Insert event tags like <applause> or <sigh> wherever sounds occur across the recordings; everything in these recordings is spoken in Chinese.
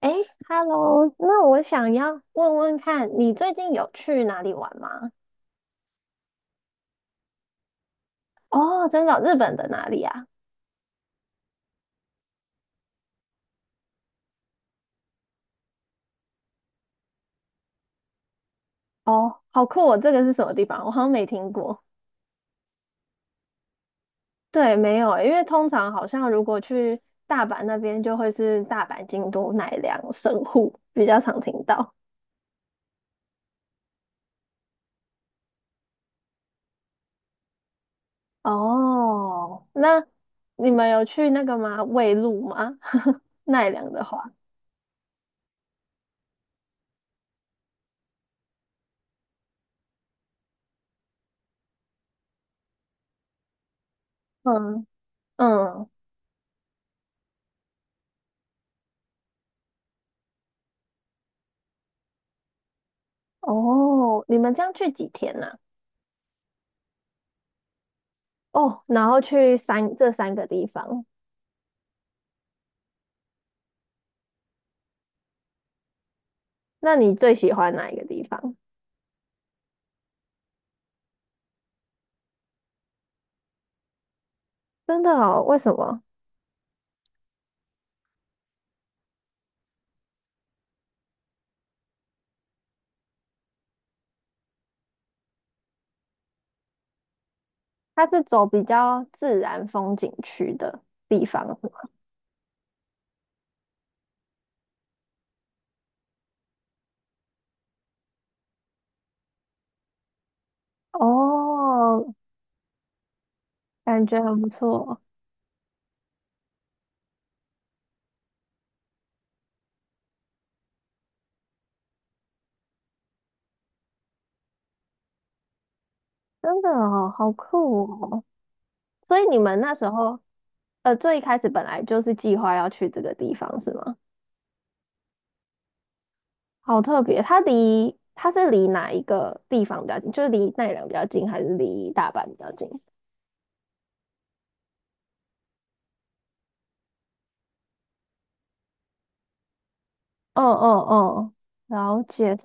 哎 hello 那我想要问问看，你最近有去哪里玩吗？哦，真的哦日本的哪里啊？哦，好酷哦，这个是什么地方？我好像没听过。对，没有欸因为通常好像如果去大阪那边，就会是大阪、京都、奈良、神户，比较常听到。哦，那你们有去那个吗？卫路吗？<laughs> 奈良的话，嗯嗯，哦，你们这样去几天呢？哦，然后去这三个地方，那你最喜欢哪一个地方？真的哦，为什么？它是走比较自然风景区的地方是吗？哦，感觉很不错，真的哦，好酷哦！所以你们那时候，最一开始本来就是计划要去这个地方是吗？好特别，它是离哪一个地方比较近？就是离奈良比较近，还是离大阪比较近？嗯嗯嗯，了解，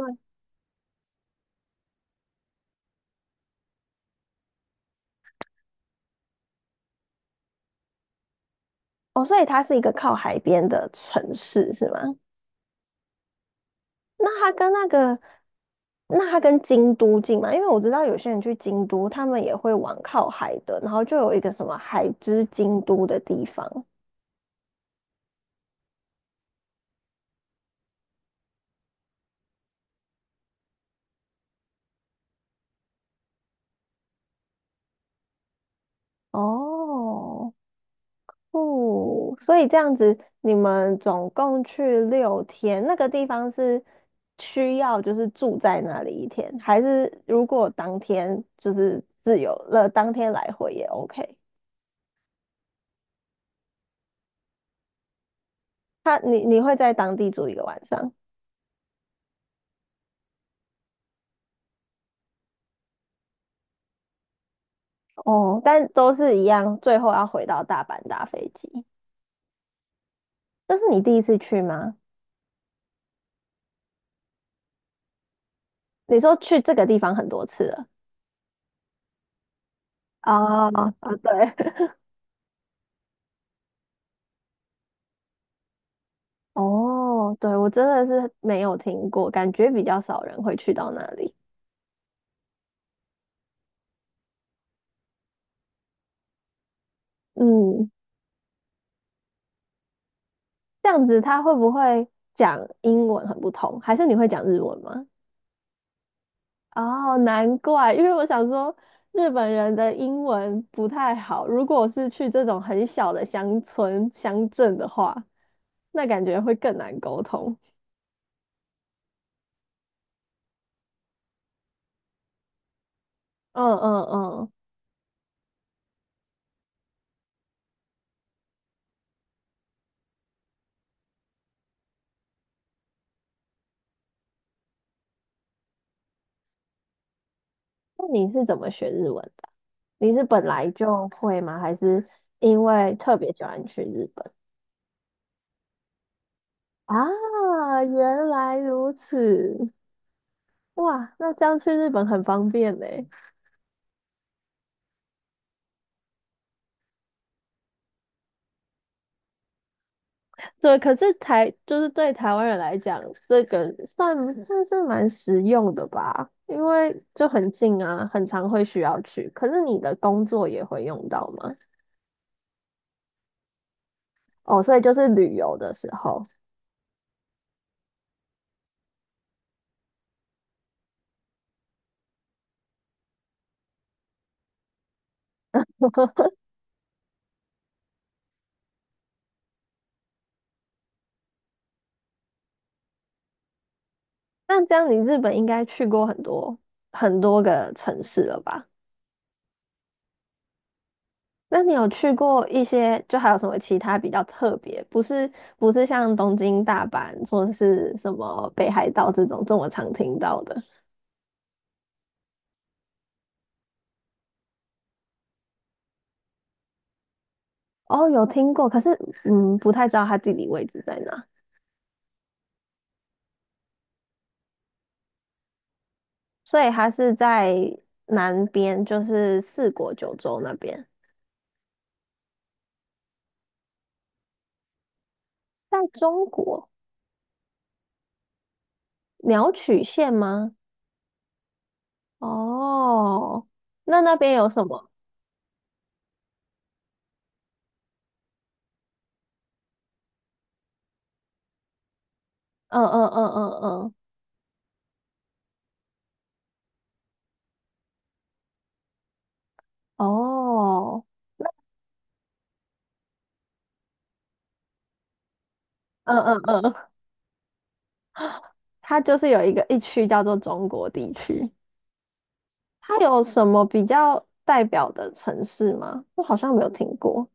哦，所以它是一个靠海边的城市是吗？那它跟那个，那它跟京都近吗？因为我知道有些人去京都，他们也会往靠海的，然后就有一个什么海之京都的地方。哦，哦，所以这样子，你们总共去6天，那个地方是需要就是住在那里1天，还是如果当天就是自由了，当天来回也 OK?你会在当地住一个晚上？哦，但都是一样，最后要回到大阪搭飞机。这是你第一次去吗？你说去这个地方很多次了。啊啊，对，<laughs> 哦，对，我真的是没有听过，感觉比较少人会去到那里。嗯，这样子他会不会讲英文很不同？还是你会讲日文吗？哦，难怪，因为我想说日本人的英文不太好，如果是去这种很小的乡村乡镇的话。那感觉会更难沟通。嗯嗯嗯，那你是怎么学日文的？你是本来就会吗？还是因为特别喜欢去日本？啊，原来如此。哇，那这样去日本很方便呢。<laughs> 对，可是就是对台湾人来讲，这个算是蛮实用的吧，因为就很近啊，很常会需要去。可是你的工作也会用到吗？哦，所以就是旅游的时候。那这样你日本应该去过很多很多个城市了吧？那你有去过一些，就还有什么其他比较特别，不是不是像东京、大阪或者是什么北海道这种这么常听到的？哦，有听过，可是嗯，不太知道它地理位置在哪，所以它是在南边，就是四国九州那边，在中国鸟取县吗？哦，那那边有什么？嗯嗯嗯嗯嗯。哦，嗯嗯嗯，它就是有一个一区叫做中国地区，它有什么比较代表的城市吗？我好像没有听过。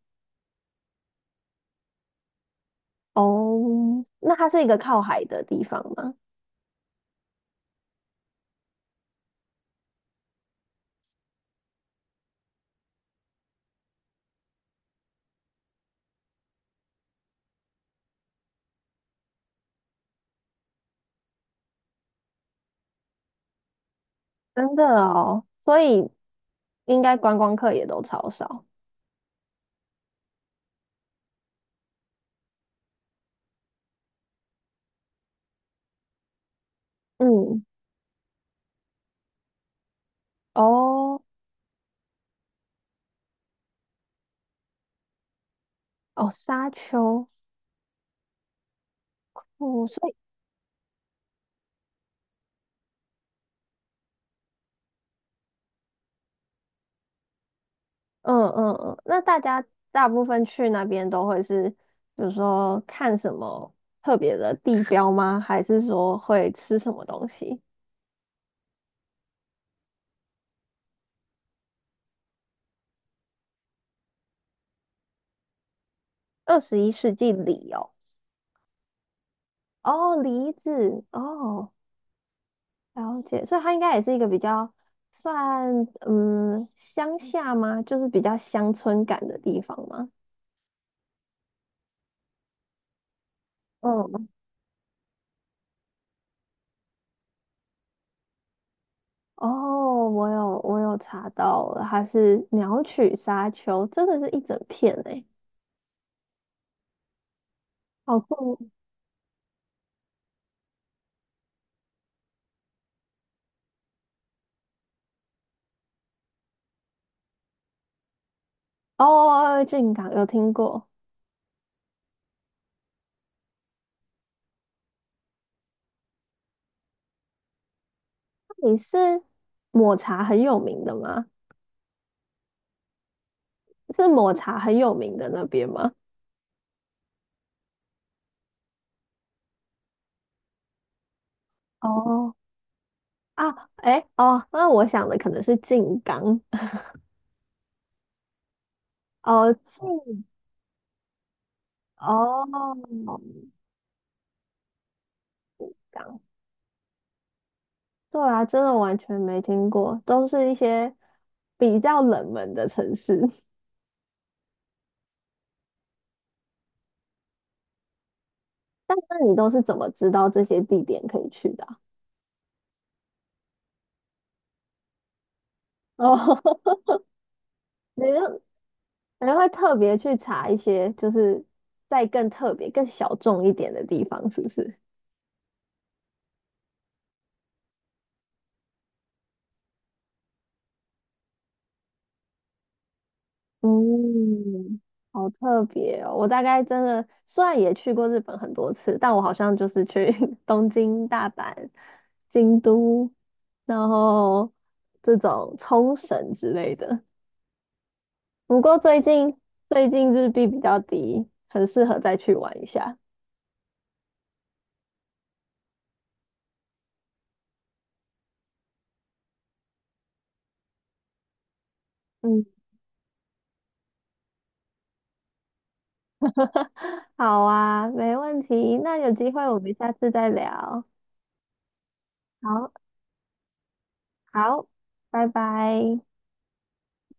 哦，那它是一个靠海的地方吗？真的哦，所以应该观光客也都超少。嗯，哦哦，沙丘，哦，所以。嗯嗯嗯，那大家大部分去那边都会是，比如说看什么特别的地标吗？还是说会吃什么东西？二十一世纪里哦，哦，梨子，哦，了解，所以它应该也是一个比较算乡下吗？就是比较乡村感的地方吗？嗯，哦，我有查到了，它是鸟取沙丘，真的是一整片诶，好酷哦，靖港有听过。你是抹茶很有名的吗？是抹茶很有名的那边吗？哦啊，哎哦，那我想的可能是靖港。<laughs> 哦，靖哦，港。对啊，真的完全没听过，都是一些比较冷门的城市。<laughs> 但是你都是怎么知道这些地点可以去的啊 <laughs> 哦，<laughs> 你就然后会特别去查一些，就是再更特别、更小众一点的地方，是不是？嗯，好特别哦！我大概真的虽然也去过日本很多次，但我好像就是去 <laughs> 东京、大阪、京都，然后这种冲绳之类的。不过最近日币比较低，很适合再去玩一下。嗯，<laughs> 好啊，没问题。那有机会我们下次再聊。好。好，拜拜。